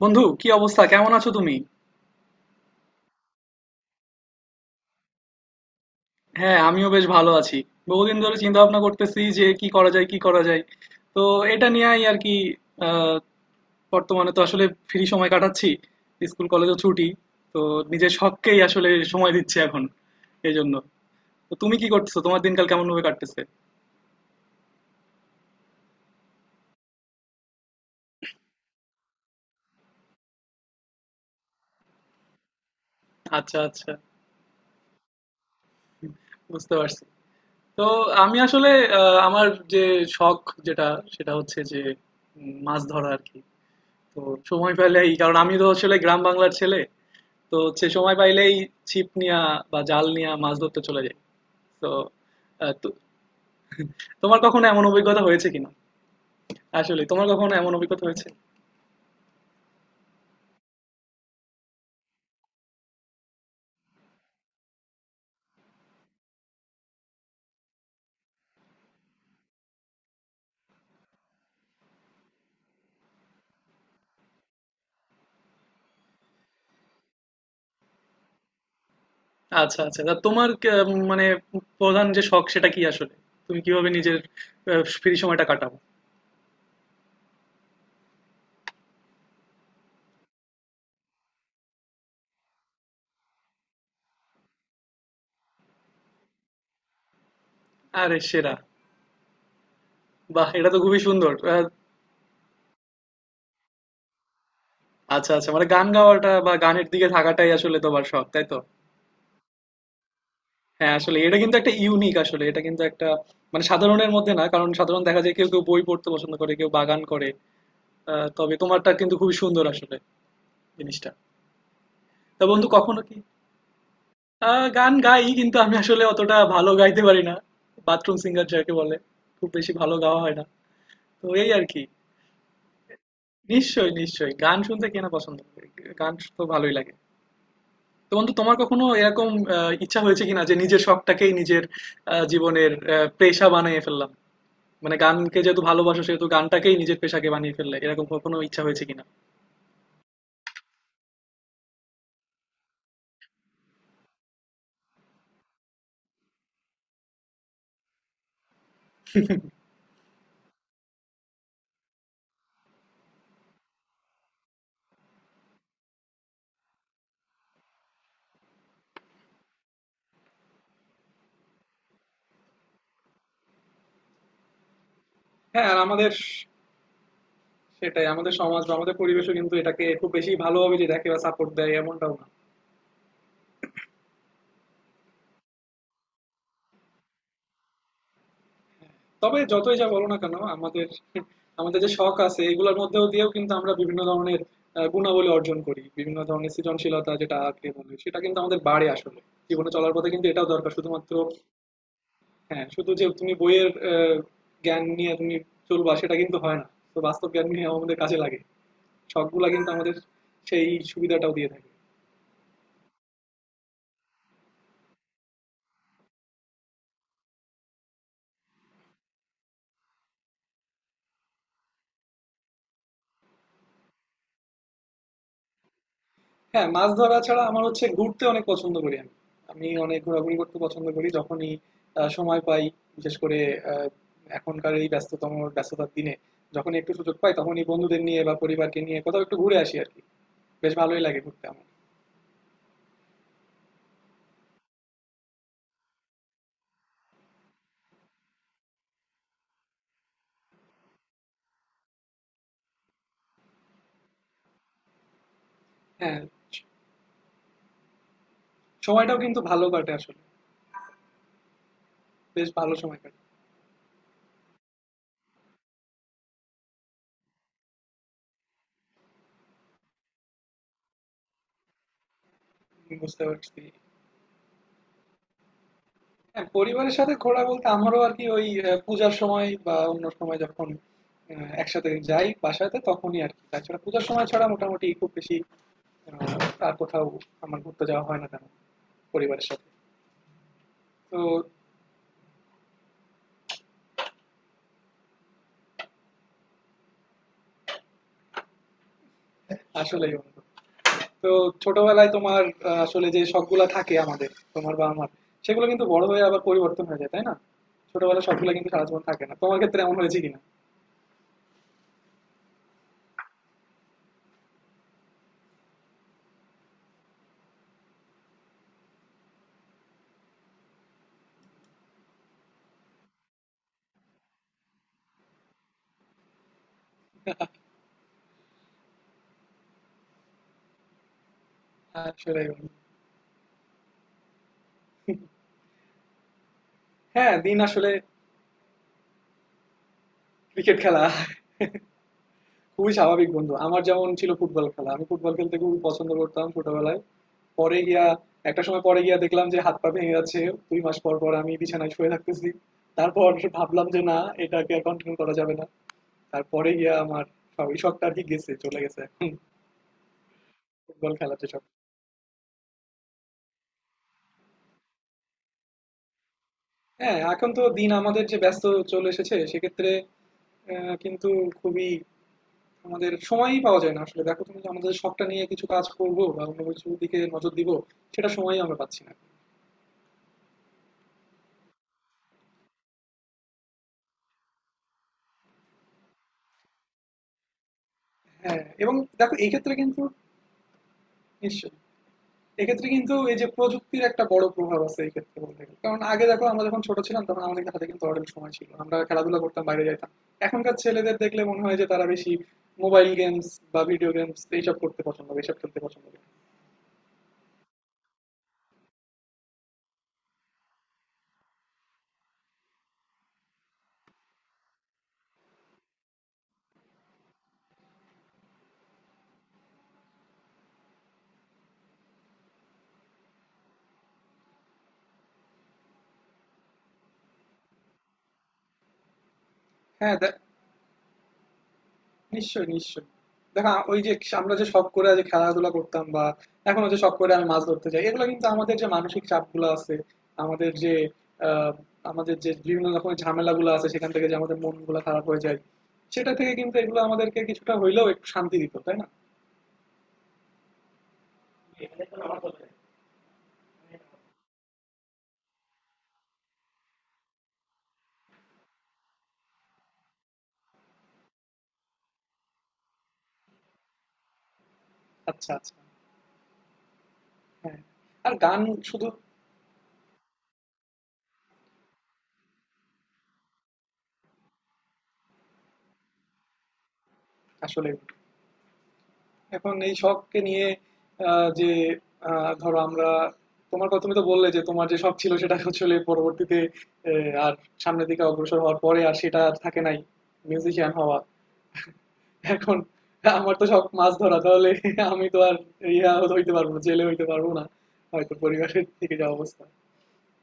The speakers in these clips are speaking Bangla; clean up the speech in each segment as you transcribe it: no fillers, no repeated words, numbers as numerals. বন্ধু, কি অবস্থা? কেমন আছো তুমি? হ্যাঁ, আমিও বেশ ভালো আছি। বহুদিন ধরে চিন্তা ভাবনা করতেছি যে কি করা যায় কি করা যায়। তো এটা নিয়েই আর কি। আহ, বর্তমানে তো আসলে ফ্রি সময় কাটাচ্ছি। স্কুল কলেজও ছুটি। তো নিজের শখকেই আসলে সময় দিচ্ছি এখন। এই জন্য। তো তুমি কি করতেছো? তোমার দিনকাল কেমন ভাবে কাটতেছে? আচ্ছা আচ্ছা, বুঝতে পারছি। তো আমি আসলে আমার যে শখ যেটা সেটা হচ্ছে যে মাছ ধরা আর কি। তো সময় পেলেই, কারণ আমি তো আসলে গ্রাম বাংলার ছেলে। তো হচ্ছে সময় পাইলেই ছিপ নিয়া বা জাল নিয়া মাছ ধরতে চলে যাই। তো আহ, তো- তোমার কখনো এমন অভিজ্ঞতা হয়েছে কিনা? আসলে তোমার কখনো এমন অভিজ্ঞতা হয়েছে? আচ্ছা আচ্ছা, তা তোমার মানে প্রধান যে শখ সেটা কি আসলে, তুমি কিভাবে নিজের ফ্রি সময়টা কাটাও? আরে সেরা, বাহ এটা তো খুবই সুন্দর। আচ্ছা আচ্ছা, মানে গান গাওয়াটা বা গানের দিকে থাকাটাই আসলে তোমার শখ, তাই তো? হ্যাঁ, আসলে এটা কিন্তু একটা ইউনিক, আসলে এটা কিন্তু একটা মানে সাধারণের মধ্যে না, কারণ সাধারণ দেখা যায় কেউ কেউ বই পড়তে পছন্দ করে, কেউ বাগান করে। তবে তোমারটা কিন্তু খুবই সুন্দর আসলে জিনিসটা। তা বন্ধু কখনো কি? গান গাই কিন্তু আমি আসলে অতটা ভালো গাইতে পারি না। বাথরুম সিঙ্গার যাকে বলে। খুব বেশি ভালো গাওয়া হয় না। তো এই আর কি। নিশ্চয়ই নিশ্চয়ই, গান শুনতে কে না পছন্দ করে। গান তো ভালোই লাগে। তো বন্ধু তোমার কখনো এরকম ইচ্ছা হয়েছে কিনা যে নিজের শখটাকেই নিজের জীবনের পেশা বানিয়ে ফেললাম, মানে গানকে যেহেতু ভালোবাসো সেহেতু গানটাকেই নিজের পেশাকে বানিয়ে ফেললে, এরকম কখনো ইচ্ছা হয়েছে কিনা? হ্যাঁ আর আমাদের সেটাই, আমাদের সমাজ বা আমাদের পরিবেশও কিন্তু এটাকে খুব বেশি ভালোভাবে যে দেখে বা সাপোর্ট দেয় এমনটাও না। তবে যতই যা বলো না কেন, আমাদের আমাদের যে শখ আছে এগুলোর মধ্যেও দিয়েও কিন্তু আমরা বিভিন্ন ধরনের গুণাবলী অর্জন করি, বিভিন্ন ধরনের সৃজনশীলতা যেটা আগে বলি সেটা কিন্তু আমাদের বাড়ে আসলে। জীবনে চলার পথে কিন্তু এটাও দরকার শুধুমাত্র। হ্যাঁ, শুধু যে তুমি বইয়ের জ্ঞান নিয়ে তুমি চলবা সেটা কিন্তু হয় না। তো বাস্তব জ্ঞান নিয়ে আমাদের কাজে লাগে। শখগুলা কিন্তু আমাদের সেই সুবিধাটাও দিয়ে থাকে। হ্যাঁ, মাছ ধরা ছাড়া আমার হচ্ছে ঘুরতে অনেক পছন্দ করি আমি। আমি অনেক ঘোরাঘুরি করতে পছন্দ করি। যখনই সময় পাই, বিশেষ করে আ এখনকার এই ব্যস্ততম ব্যস্ততার দিনে যখনই একটু সুযোগ পাই, তখনই বন্ধুদের নিয়ে বা পরিবারকে নিয়ে কোথাও একটু ঘুরে আসি আরকি। বেশ ভালোই লাগে ঘুরতে আমার। হ্যাঁ, স সময়টাও কিন্তু ভালো কাটে আসলে। বেশ ভালো সময় কাটে। আমি বুঝতে পারছি। হ্যাঁ, পরিবারের সাথে ঘোরা বলতে আমারও আরকি ওই পূজার সময় বা অন্য সময় যখন আ একসাথে যাই বাসাতে তখনই আরকি। তাছাড়া পূজার সময় ছাড়া মোটামুটি খুব বেশি আর কোথাও আমার ঘুরতে যাওয়া হয় না কেন পরিবারের সাথে। তো আসলেই বন্ধু। তো ছোটবেলায় তোমার আসলে যে শখগুলা থাকে আমাদের, তোমার বা আমার, সেগুলো কিন্তু বড় হয়ে আবার পরিবর্তন হয়ে যায় তাই না? ছোটবেলার শখগুলো কিন্তু সারা জীবন থাকে না, তোমার ক্ষেত্রে এমন হয়েছে কিনা? আসলে বন্ধু। হ্যাঁ দিন আসলে। ক্রিকেট খেলা, খুবই স্বাভাবিক বন্ধু। আমার যেমন ছিল ফুটবল খেলা, আমি ফুটবল খেলতে খুবই পছন্দ করতাম ছোটবেলায়। পরে গিয়া একটা সময় পরে গিয়া দেখলাম যে হাত পা ভেঙে যাচ্ছে। 2 মাস পর পর আমি বিছানায় শুয়ে থাকতেছি। তারপর ভাবলাম যে না, এটাকে আর কন্টিনিউ করা যাবে না। তারপরে গিয়া আমার এই শখটা আর কি গেছে চলে গেছে। ফুটবল খেলার যে শখ। হ্যাঁ এখন তো দিন আমাদের যে ব্যস্ত চলে এসেছে সেক্ষেত্রে কিন্তু খুবই আমাদের সময়ই পাওয়া যায় না আসলে। দেখো তুমি যে আমাদের শখটা নিয়ে কিছু কাজ করব বা অন্য কিছু দিকে নজর দিব, সেটা সময়ই আমরা পাচ্ছি না। হ্যাঁ এবং দেখো এই ক্ষেত্রে কিন্তু নিশ্চয়, এক্ষেত্রে কিন্তু এই যে প্রযুক্তির একটা বড় প্রভাব আছে এই ক্ষেত্রে বলতে গেলে। কারণ আগে দেখো, আমরা যখন ছোট ছিলাম তখন আমাদের হাতে কিন্তু অনেক সময় ছিল, আমরা খেলাধুলা করতাম, বাইরে যাইতাম। এখনকার ছেলেদের দেখলে মনে হয় যে তারা বেশি মোবাইল গেমস বা ভিডিও গেমস এইসব করতে পছন্দ করে, এইসব খেলতে পছন্দ করে। হ্যাঁ দেখ, নিশ্চয়ই নিশ্চয়ই, দেখো ওই যে আমরা যে শখ করে যে খেলাধুলা করতাম বা এখনো যে শখ করে আমি মাছ ধরতে যাই, এগুলো কিন্তু আমাদের যে মানসিক চাপগুলো আছে, আমাদের যে আহ, আমাদের যে বিভিন্ন রকমের ঝামেলাগুলো আছে সেখান থেকে যে আমাদের মনগুলো খারাপ হয়ে যায়, সেটা থেকে কিন্তু এগুলো আমাদেরকে কিছুটা হইলেও একটু শান্তি দিত তাই না? আচ্ছা আচ্ছা। হ্যাঁ আর গান শুধু আসলে এখন এই শখকে নিয়ে আহ, যে ধরো আমরা, তোমার কথা তুমি তো বললে যে তোমার যে শখ ছিল সেটা আসলে পরবর্তীতে আর সামনের দিকে অগ্রসর হওয়ার পরে আর সেটা আর থাকে নাই, মিউজিশিয়ান হওয়া। এখন আমার তো শখ মাছ ধরা, তাহলে আমি তো আর ইয়া হইতে পারবো না, জেলে হইতে পারবো না, হয়তো পরিবারের থেকে যা অবস্থা।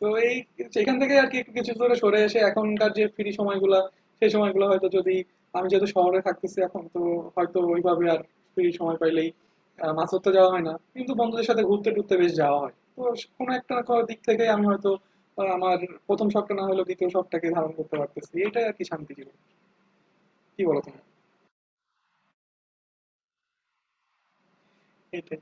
তো এই সেখান থেকে আর কি একটু কিছু দূরে সরে এসে এখনকার যে ফ্রি সময়গুলা, সেই সময়গুলো হয়তো যদি আমি যেহেতু শহরে থাকতেছি এখন তো, হয়তো ওইভাবে আর ফ্রি সময় পাইলেই মাছ ধরতে যাওয়া হয় না কিন্তু বন্ধুদের সাথে ঘুরতে টুরতে বেশ যাওয়া হয় তো। কোনো একটা না কোনো দিক থেকে আমি হয়তো আমার প্রথম শখটা না হলেও দ্বিতীয় শখটাকে ধারণ করতে পারতেছি, এটাই আর কি শান্তি জীবন। কি বলো তুমি? এটাই।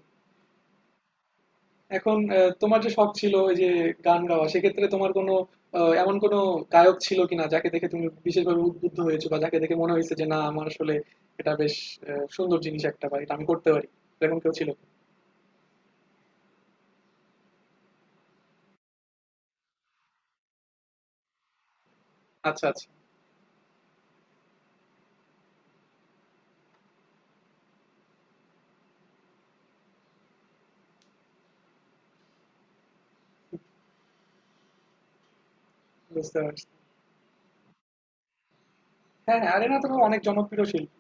এখন তোমার যে শখ ছিল ওই যে গান গাওয়া সেক্ষেত্রে তোমার কোনো এমন কোনো গায়ক ছিল কিনা যাকে দেখে তুমি বিশেষভাবে উদ্বুদ্ধ হয়েছো বা যাকে দেখে মনে হয়েছে যে না আমার আসলে এটা বেশ সুন্দর জিনিস একটা বা এটা আমি করতে পারি এরকম কেউ ছিল? আচ্ছা আচ্ছা, বুঝতে পারছি। হ্যাঁ হ্যাঁ, আরে না তুমি অনেক জনপ্রিয় শিল্পী।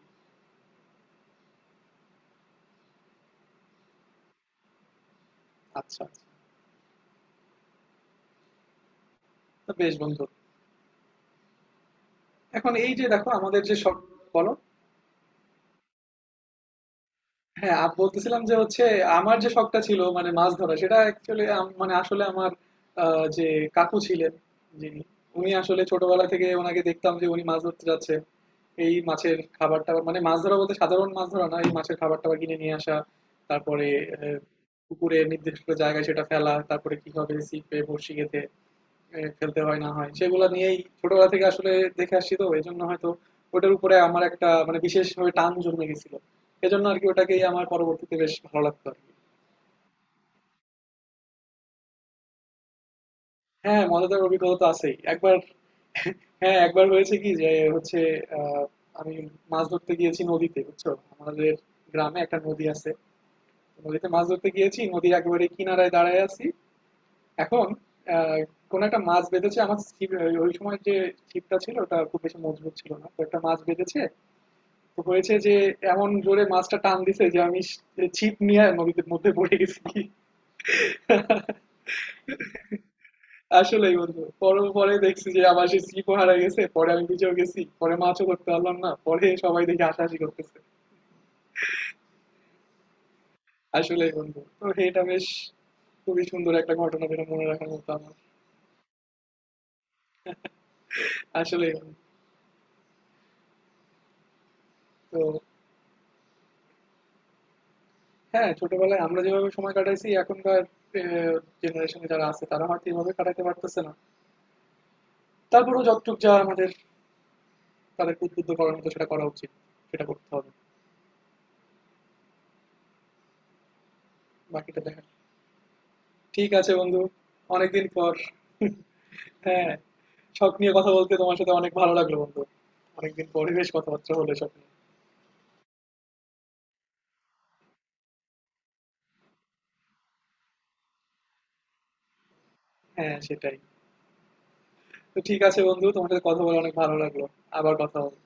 আচ্ছা আচ্ছা, তো বেশ বন্ধু, এখন এই যে দেখো আমাদের যে শখ। বলো। হ্যাঁ, আমি বলতেছিলাম যে হচ্ছে আমার যে শখটা ছিল মানে মাছ ধরা, সেটা অ্যাকচুয়ালি মানে আসলে আমার যে কাকু ছিলেন যিনি, উনি আসলে ছোটবেলা থেকে ওনাকে দেখতাম যে উনি মাছ ধরতে যাচ্ছে। এই মাছের খাবার টাবার, মানে মাছ ধরা বলতে সাধারণ মাছ ধরা না, এই মাছের খাবার টাবার কিনে নিয়ে আসা, তারপরে আহ, পুকুরে নির্দিষ্ট জায়গায় সেটা ফেলা, তারপরে কি হবে ছিপে বড়শি গেঁথে খেলতে হয় না হয়, সেগুলো নিয়েই ছোটবেলা থেকে আসলে দেখে আসছি। তো এই জন্য হয়তো ওটার উপরে আমার একটা মানে বিশেষভাবে টান জন্মে গেছিল, এজন্য আর কি ওটাকেই আমার পরবর্তীতে বেশ ভালো লাগতো আর কি। হ্যাঁ মজাদার অভিজ্ঞতা তো আছেই একবার। হ্যাঁ একবার হয়েছে কি যে হচ্ছে আহ, আমি মাছ ধরতে গিয়েছি নদীতে বুঝছো, আমাদের গ্রামে একটা নদী আছে। নদীতে মাছ ধরতে গিয়েছি নদীর একেবারে কিনারায় দাঁড়ায় আছি। এখন আহ, কোনো একটা মাছ বেঁধেছে আমার ছিপ, ওই ওই সময় যে ছিপটা ছিল ওটা খুব বেশি মজবুত ছিল না, তো একটা মাছ বেঁধেছে। তো হয়েছে যে এমন জোরে মাছটা টান দিছে যে আমি ছিপ নিয়ে নদীর মধ্যে পড়ে গেছি। আসলেই বন্ধু, পরে পরে দেখছি যে আমার সেই ছিপও হারা গেছে, পরে আমি নিজেও গেছি, পরে মাছও করতে পারলাম না, পরে সবাই দেখে হাসাহাসি করতেছে। আসলেই বন্ধু তো এটা বেশ খুবই সুন্দর একটা ঘটনা যেটা মনে রাখার মতো আমার। আসলেই বন্ধু। তো হ্যাঁ, ছোটবেলায় আমরা যেভাবে সময় কাটাইছি এখনকার জেনারেশনে যারা আছে তারা হয়তো এভাবে কাটাতে পারতেছে না। তারপরেও যতটুক যা আমাদের তাদেরকে উদ্বুদ্ধ করার মতো সেটা করা উচিত। সেটা করতে হবে। বাকিটা দেখার। ঠিক আছে বন্ধু, অনেকদিন পর। হ্যাঁ, শখ নিয়ে কথা বলতে তোমার সাথে অনেক ভালো লাগলো বন্ধু। অনেকদিন পরে বেশ কথাবার্তা হলো এসব নিয়ে। হ্যাঁ, সেটাই। তো ঠিক আছে বন্ধু, তোমার সাথে কথা বলে অনেক ভালো লাগলো। আবার কথা হবে।